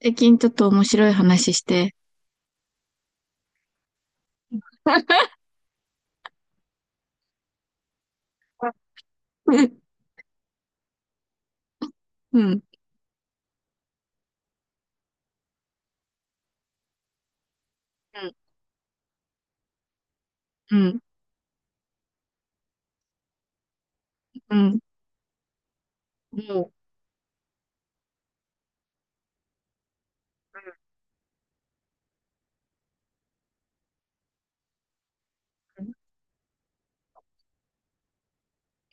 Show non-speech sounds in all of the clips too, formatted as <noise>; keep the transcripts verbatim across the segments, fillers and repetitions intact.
ゆきん、ちょっと面白い話して。うん、うん、うん、うん、うん。もうこ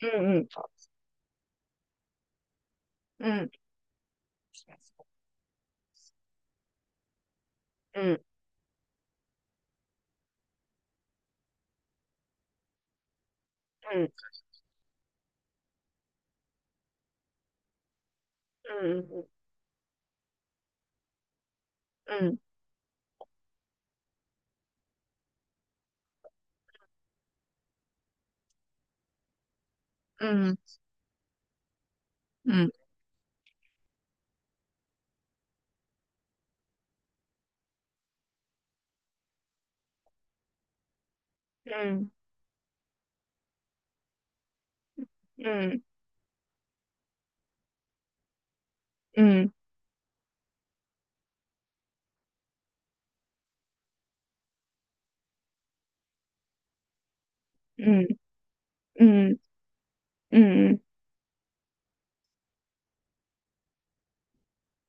れ swoją か doors? うん、うん、うん、うん、うん。うんうん、うん、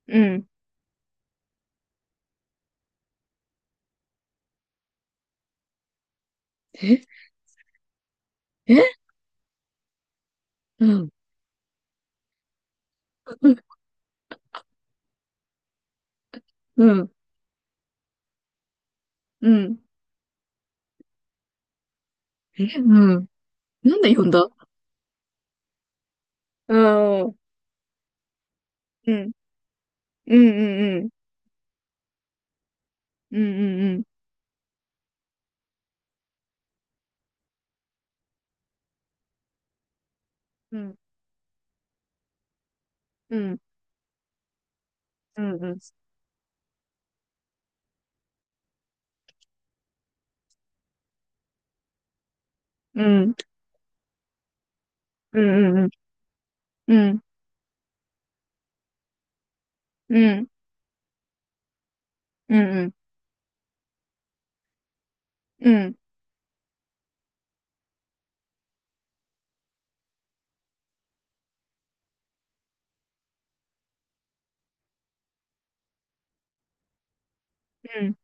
うんっ。え、うんっ。うん、うん。えぇうん。なんだよ、んだ。ああ。うん、いいぉん、うん。うん、うん。うん。うんつぅぅぅぅぅん。うんん…うん、うん、うん。うんうん。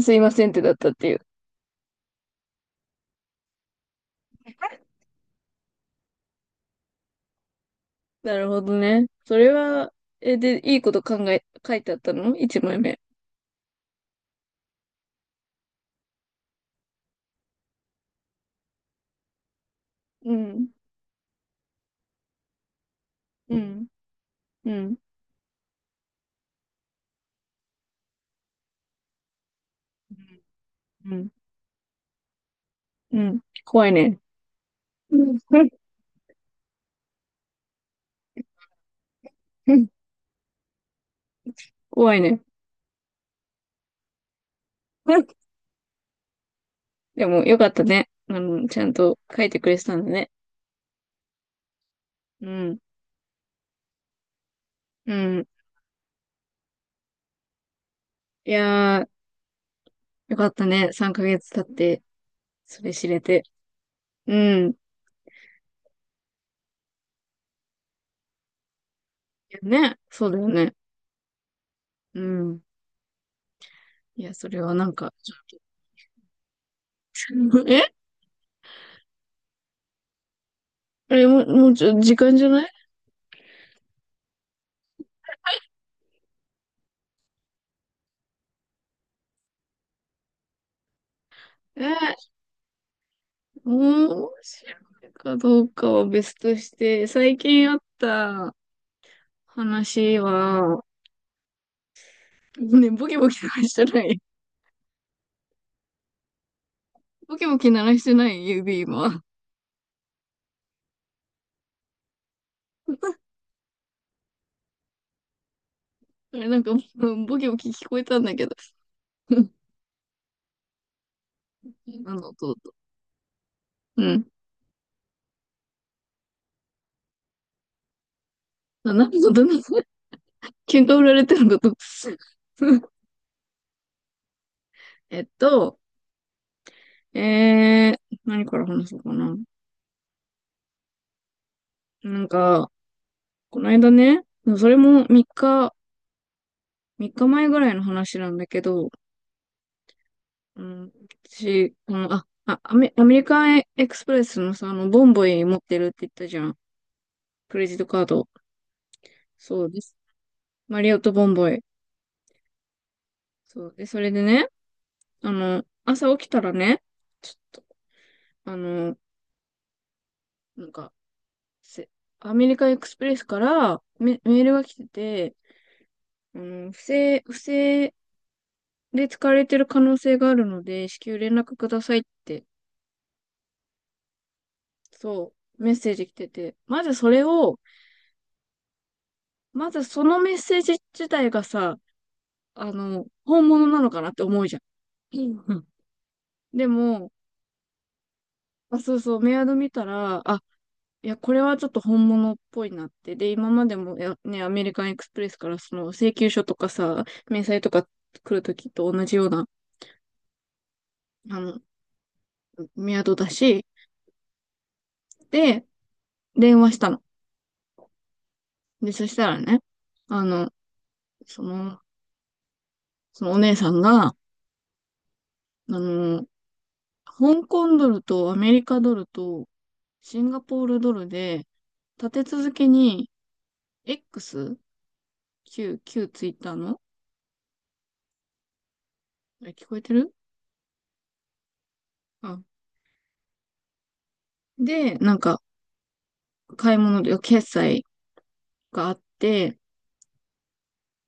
すいませんってだったっていう。<laughs> なるほどね。それは、え、で、いいこと考え、書いてあったの一枚目。うん、うん、うん、うん、うん。怖いね。<laughs> うんうん。怖いね。うん。でも、よかったね。あの、ちゃんと書いてくれてたんだね。うん、うん。いやー、よかったね。さんかげつ経って、それ知れて。うん。いやね、そうだよね。うん。いや、それはなんか、ちょっと。<laughs> えあれ、もう、もうちょ、時間じゃない？え、面白いかどうかは別として、最近あった話は、ね、ボキボキ鳴らしてない。ボキボキ鳴らしてない指今。<laughs> あれ、なんか、うん。ボキボキ聞こえたんだけど。<laughs> うん。何の音だと。うん。あ、何の音だ。喧嘩売られてるのかと。<laughs> うん。えっと、えー、何から話そうかな。なんか、この間ね、それもみっか、みっかまえぐらいの話なんだけど、うん、私、この、あ、あ、アメ、アメリカンエクスプレスのさ、あの、ボンボイ持ってるって言ったじゃん。クレジットカード。そうです。マリオットボンボイ。そう。で、それでね、あの、朝起きたらね、ちょっと、あの、なんか、せアメリカンエクスプレスからメ、メールが来てて、あの、不正、不正で使われてる可能性があるので、至急連絡くださいって、そう、メッセージ来てて、まずそれを、まずそのメッセージ自体がさ、あの、本物なのかなって思うじゃん。うん。でも、あ、そうそう、メアド見たら、あ、いや、これはちょっと本物っぽいなって。で、今までも、いやね、アメリカンエクスプレスからその請求書とかさ、明細とか来るときと同じような、あの、メアドだし、で、電話したの。で、そしたらね、あの、その、そのお姉さんが、あの、香港ドルとアメリカドルとシンガポールドルで、立て続けに X 旧、旧ツイッターの。あれ、聞こえてる？あ。で、なんか、買い物で決済があって、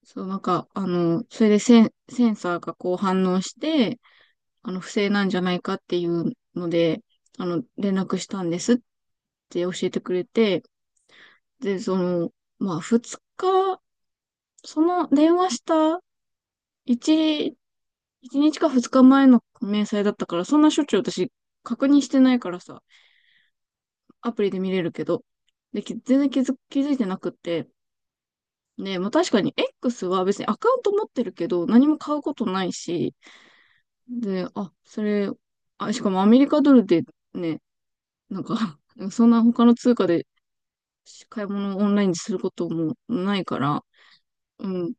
そう、なんか、あの、それでセン、センサーがこう反応して、あの、不正なんじゃないかっていうので、あの、連絡したんですって教えてくれて、で、その、まあ、二日、その電話した一、一日か二日前の明細だったから、そんなしょっちゅう私確認してないからさ、アプリで見れるけど、で、き全然気づ、気づいてなくって、ね、まあ、確かに X は別にアカウント持ってるけど、何も買うことないし、で、あ、それ、あ、しかもアメリカドルでね、なんか <laughs> そんな他の通貨で買い物をオンラインですることもないから、うん、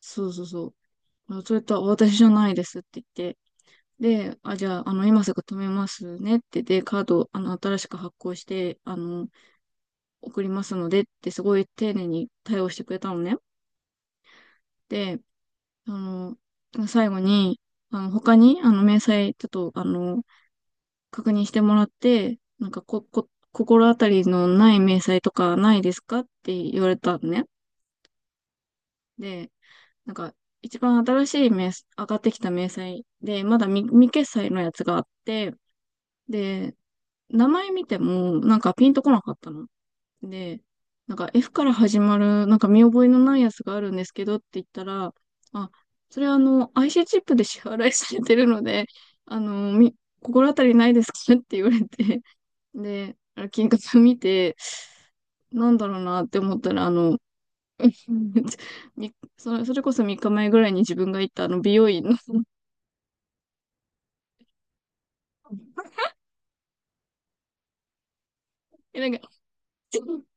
そうそうそう、あ、そういった私じゃないですって言って、で、あ、じゃあ、あの、今すぐ止めますねって、で、カード、あの、新しく発行して、あの、送りますのでってすごい丁寧に対応してくれたのね。で、あの、最後に、あの、他に、あの、明細、ちょっと、あの、確認してもらって、なんかこ、こ、心当たりのない明細とかないですかって言われたのね。で、なんか、一番新しい明細、上がってきた明細で、まだ未、未決済のやつがあって、で、名前見ても、なんかピンとこなかったの。で、なんか F から始まる、なんか見覚えのないやつがあるんですけどって言ったら、あ、それはあの、アイシー チップで支払いされてるので、あの、み、心当たりないですか <laughs> って言われて、で、あの金額見て、なんだろうなって思ったら、あの、<laughs> みそれ、それこそみっかまえぐらいに自分が行ったあの美容院の、え、なんか、<laughs>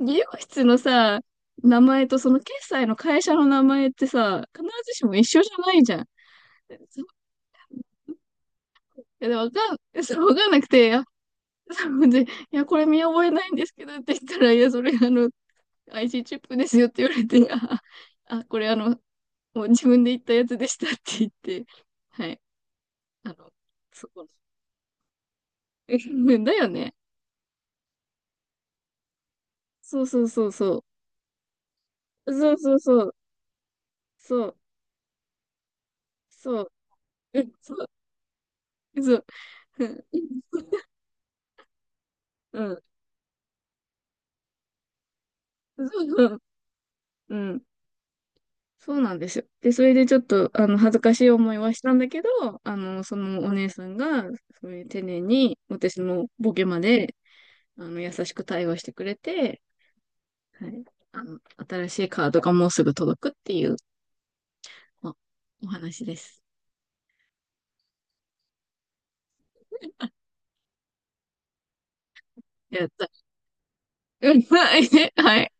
美容室のさ、名前とその決済の会社の名前ってさ、必ずしも一緒じゃないじゃん。そいや、でもわかん、<laughs> そうわかんなくて、いや、そうで、いや、これ見覚えないんですけどって言ったら、いや、それあの、アイシー チップですよって言われて、あ、あこれあの、もう自分で言ったやつでしたって言って、はい、あの、そこ。<laughs> えだよね。そうそうそうそう。そうそうそう。そう、そう、うんそう、そう、うん、うん、そう、うん。そうなんですよ。で、それでちょっと、あの、恥ずかしい思いはしたんだけど、あの、そのお姉さんが、そういう丁寧に、私のボケまで、あの、優しく対応してくれて、はい。あの、新しいカードがもうすぐ届くっていう、おお話です。やった。うん、はい。はい